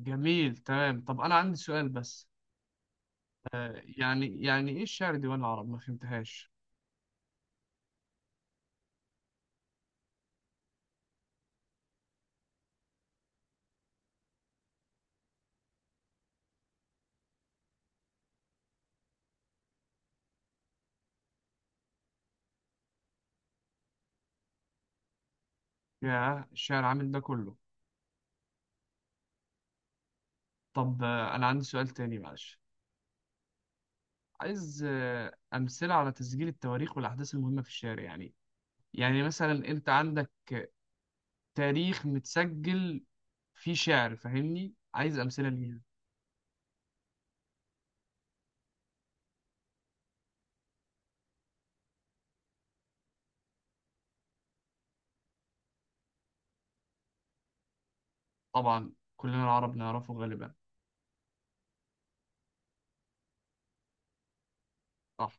جميل، تمام. طب أنا عندي سؤال بس. يعني إيه الشعر ديوان العرب؟ ما فهمتهاش. يا الشعر عامل ده كله؟ طب أنا عندي سؤال تاني، معلش. عايز أمثلة على تسجيل التواريخ والأحداث المهمة في الشعر، يعني. يعني مثلا أنت عندك تاريخ متسجل فيه شعر، فاهمني؟ عايز أمثلة ليها. طبعا كلنا العرب نعرفه غالبا. صح.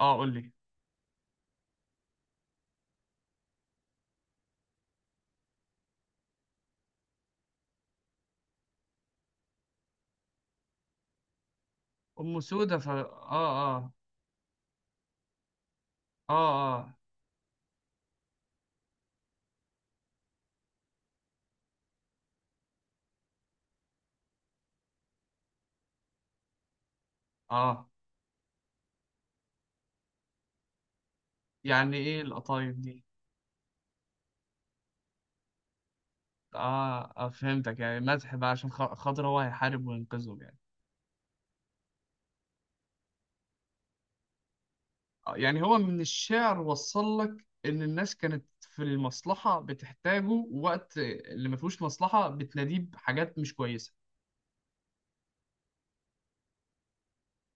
اه قول لي. أم سودة، اه. اه. اه. اه. اه. يعني إيه القطايف دي؟ آه، فهمتك، يعني مدح بقى عشان خاطر هو هيحارب وينقذهم يعني. آه، يعني هو من الشعر وصل لك إن الناس كانت في المصلحة بتحتاجه، وقت اللي ما فيهوش مصلحة بتناديه بحاجات مش كويسة.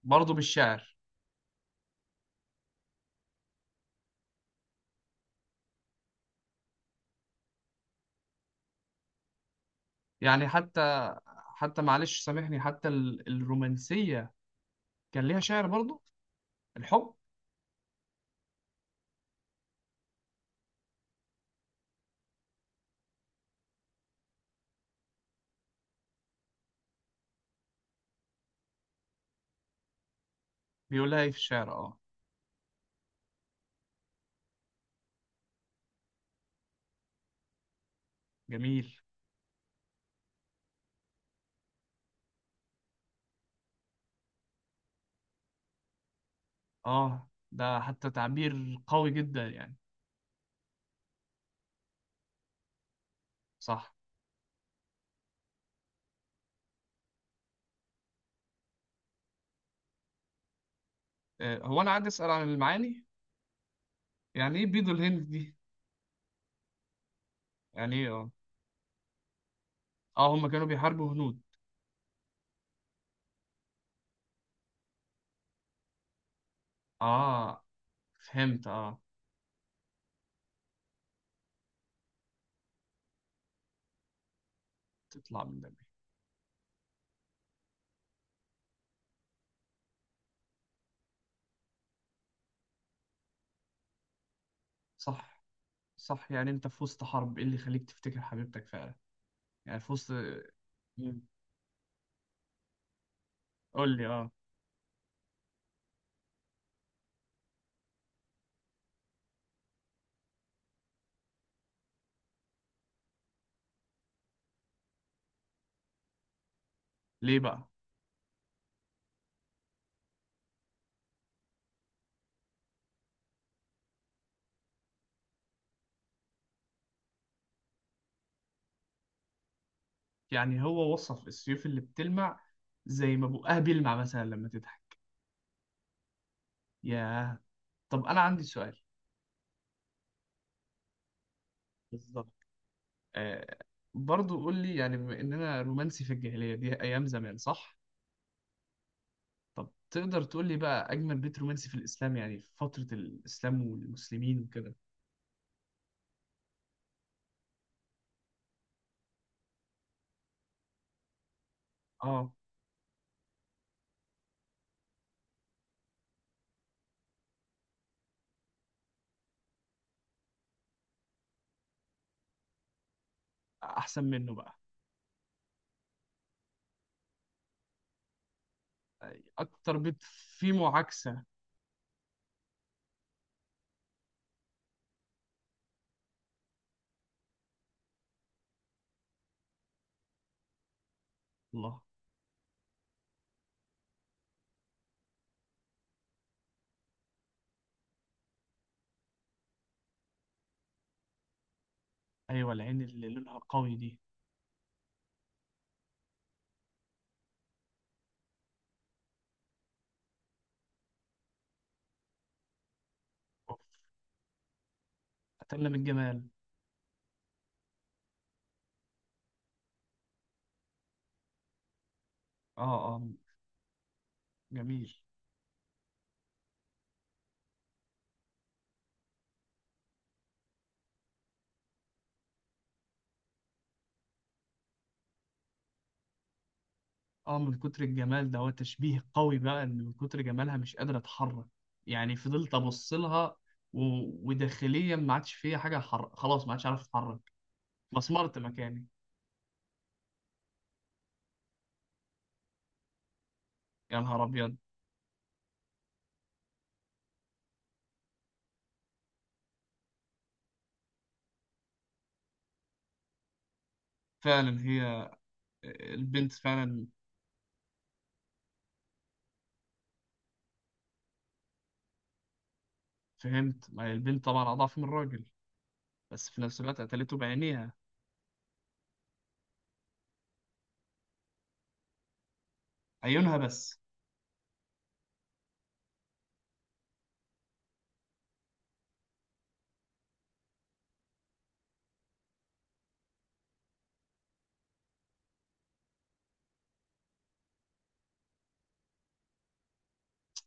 برضه بالشعر. يعني حتى معلش سامحني، حتى الرومانسية كان ليها شعر برضه؟ الحب؟ بيقول لها إيه في الشعر؟ آه. جميل. آه، ده حتى تعبير قوي جدا يعني. صح. آه، هو أنا عادي أسأل عن المعاني؟ يعني إيه بيض الهند دي؟ يعني ايه؟ اه. اه هم كانوا بيحاربوا هنود؟ اه، فهمت. اه. تطلع من دمي. صح. صح، يعني انت في وسط حرب، ايه اللي يخليك تفتكر حبيبتك فعلا؟ يعني في وسط. مم. قول لي اه. ليه بقى؟ يعني هو وصف السيوف اللي بتلمع زي ما بقها بيلمع مثلا لما تضحك. ياه. طب انا عندي سؤال. بالظبط. آه. برضو قول لي، يعني بما اننا رومانسي في الجاهلية دي، ايام زمان صح؟ طب تقدر تقول لي بقى اجمل بيت رومانسي في الاسلام، يعني في فترة الاسلام والمسلمين وكده؟ اه. احسن منه بقى. اكتر بيض فيه معاكسة. الله. ايوه العين اللي لونها قوي دي. أوف. قتلنا من الجمال. اه. اه. جميل. اه، من كتر الجمال ده، هو تشبيه قوي بقى، ان من كتر جمالها مش قادرة اتحرك. يعني فضلت ابص لها و... وداخليا ما عادش فيها حاجة خلاص ما عادش عارف اتحرك. مسمرت مكاني. يا نهار ابيض. فعلا هي، البنت فعلا. فهمت، ما هي البنت طبعا اضعف من الراجل، بس في نفس الوقت قتلته بعينيها. عيونها بس.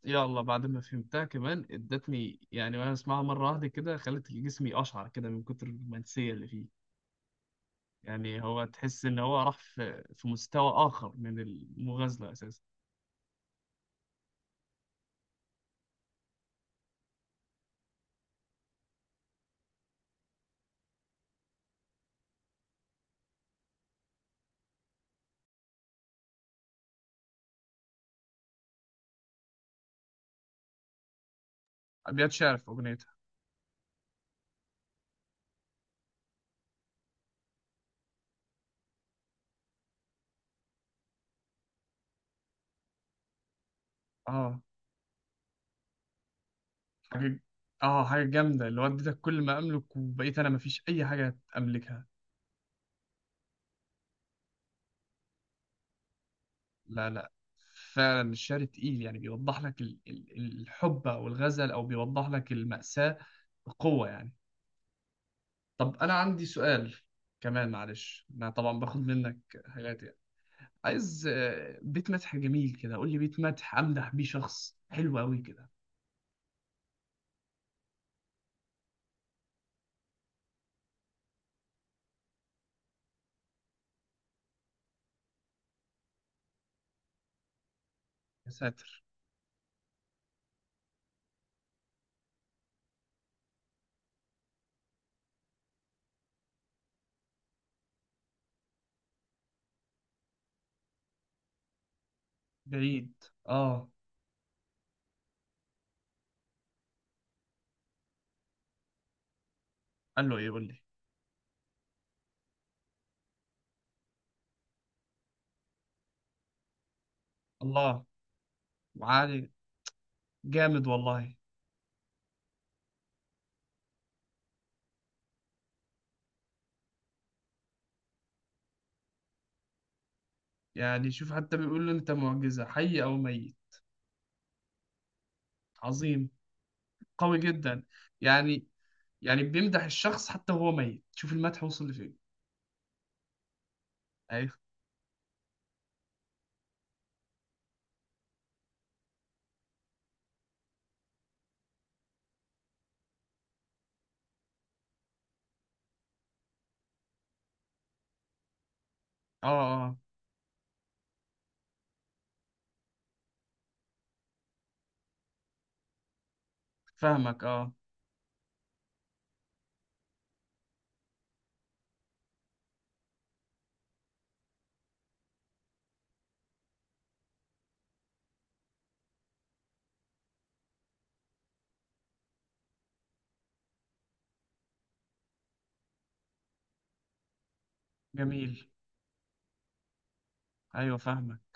يا الله، بعد ما فهمتها كمان ادتني يعني، وانا اسمعها مره واحده كده، خلت جسمي اشعر كده من كتر الرومانسيه اللي فيه. يعني هو تحس ان هو راح في في مستوى اخر من المغازله اساسا. ابيات شعر في اغنيتها؟ اه، حاجه. اه حاجه جامده، اللي وديتك كل ما املك وبقيت انا مفيش اي حاجه املكها. لا لا، فعلا الشعر تقيل، يعني بيوضح لك الحب او الغزل، او بيوضح لك المأساة بقوه يعني. طب انا عندي سؤال كمان، معلش انا طبعا باخد منك حاجات يعني. عايز آه، بيت مدح جميل كده، قول لي بيت مدح امدح بيه شخص حلو قوي كده. يا ساتر. بعيد. اه. قال له ايه؟ قول لي. الله. وعالي. جامد والله. يعني شوف حتى بيقول له انت معجزة، حي او ميت. عظيم، قوي جدا يعني. يعني بيمدح الشخص حتى وهو ميت، شوف المدح وصل لفين. ايوه. اه. اه. آه. فاهمك اه. جميل. ايوه فاهمك.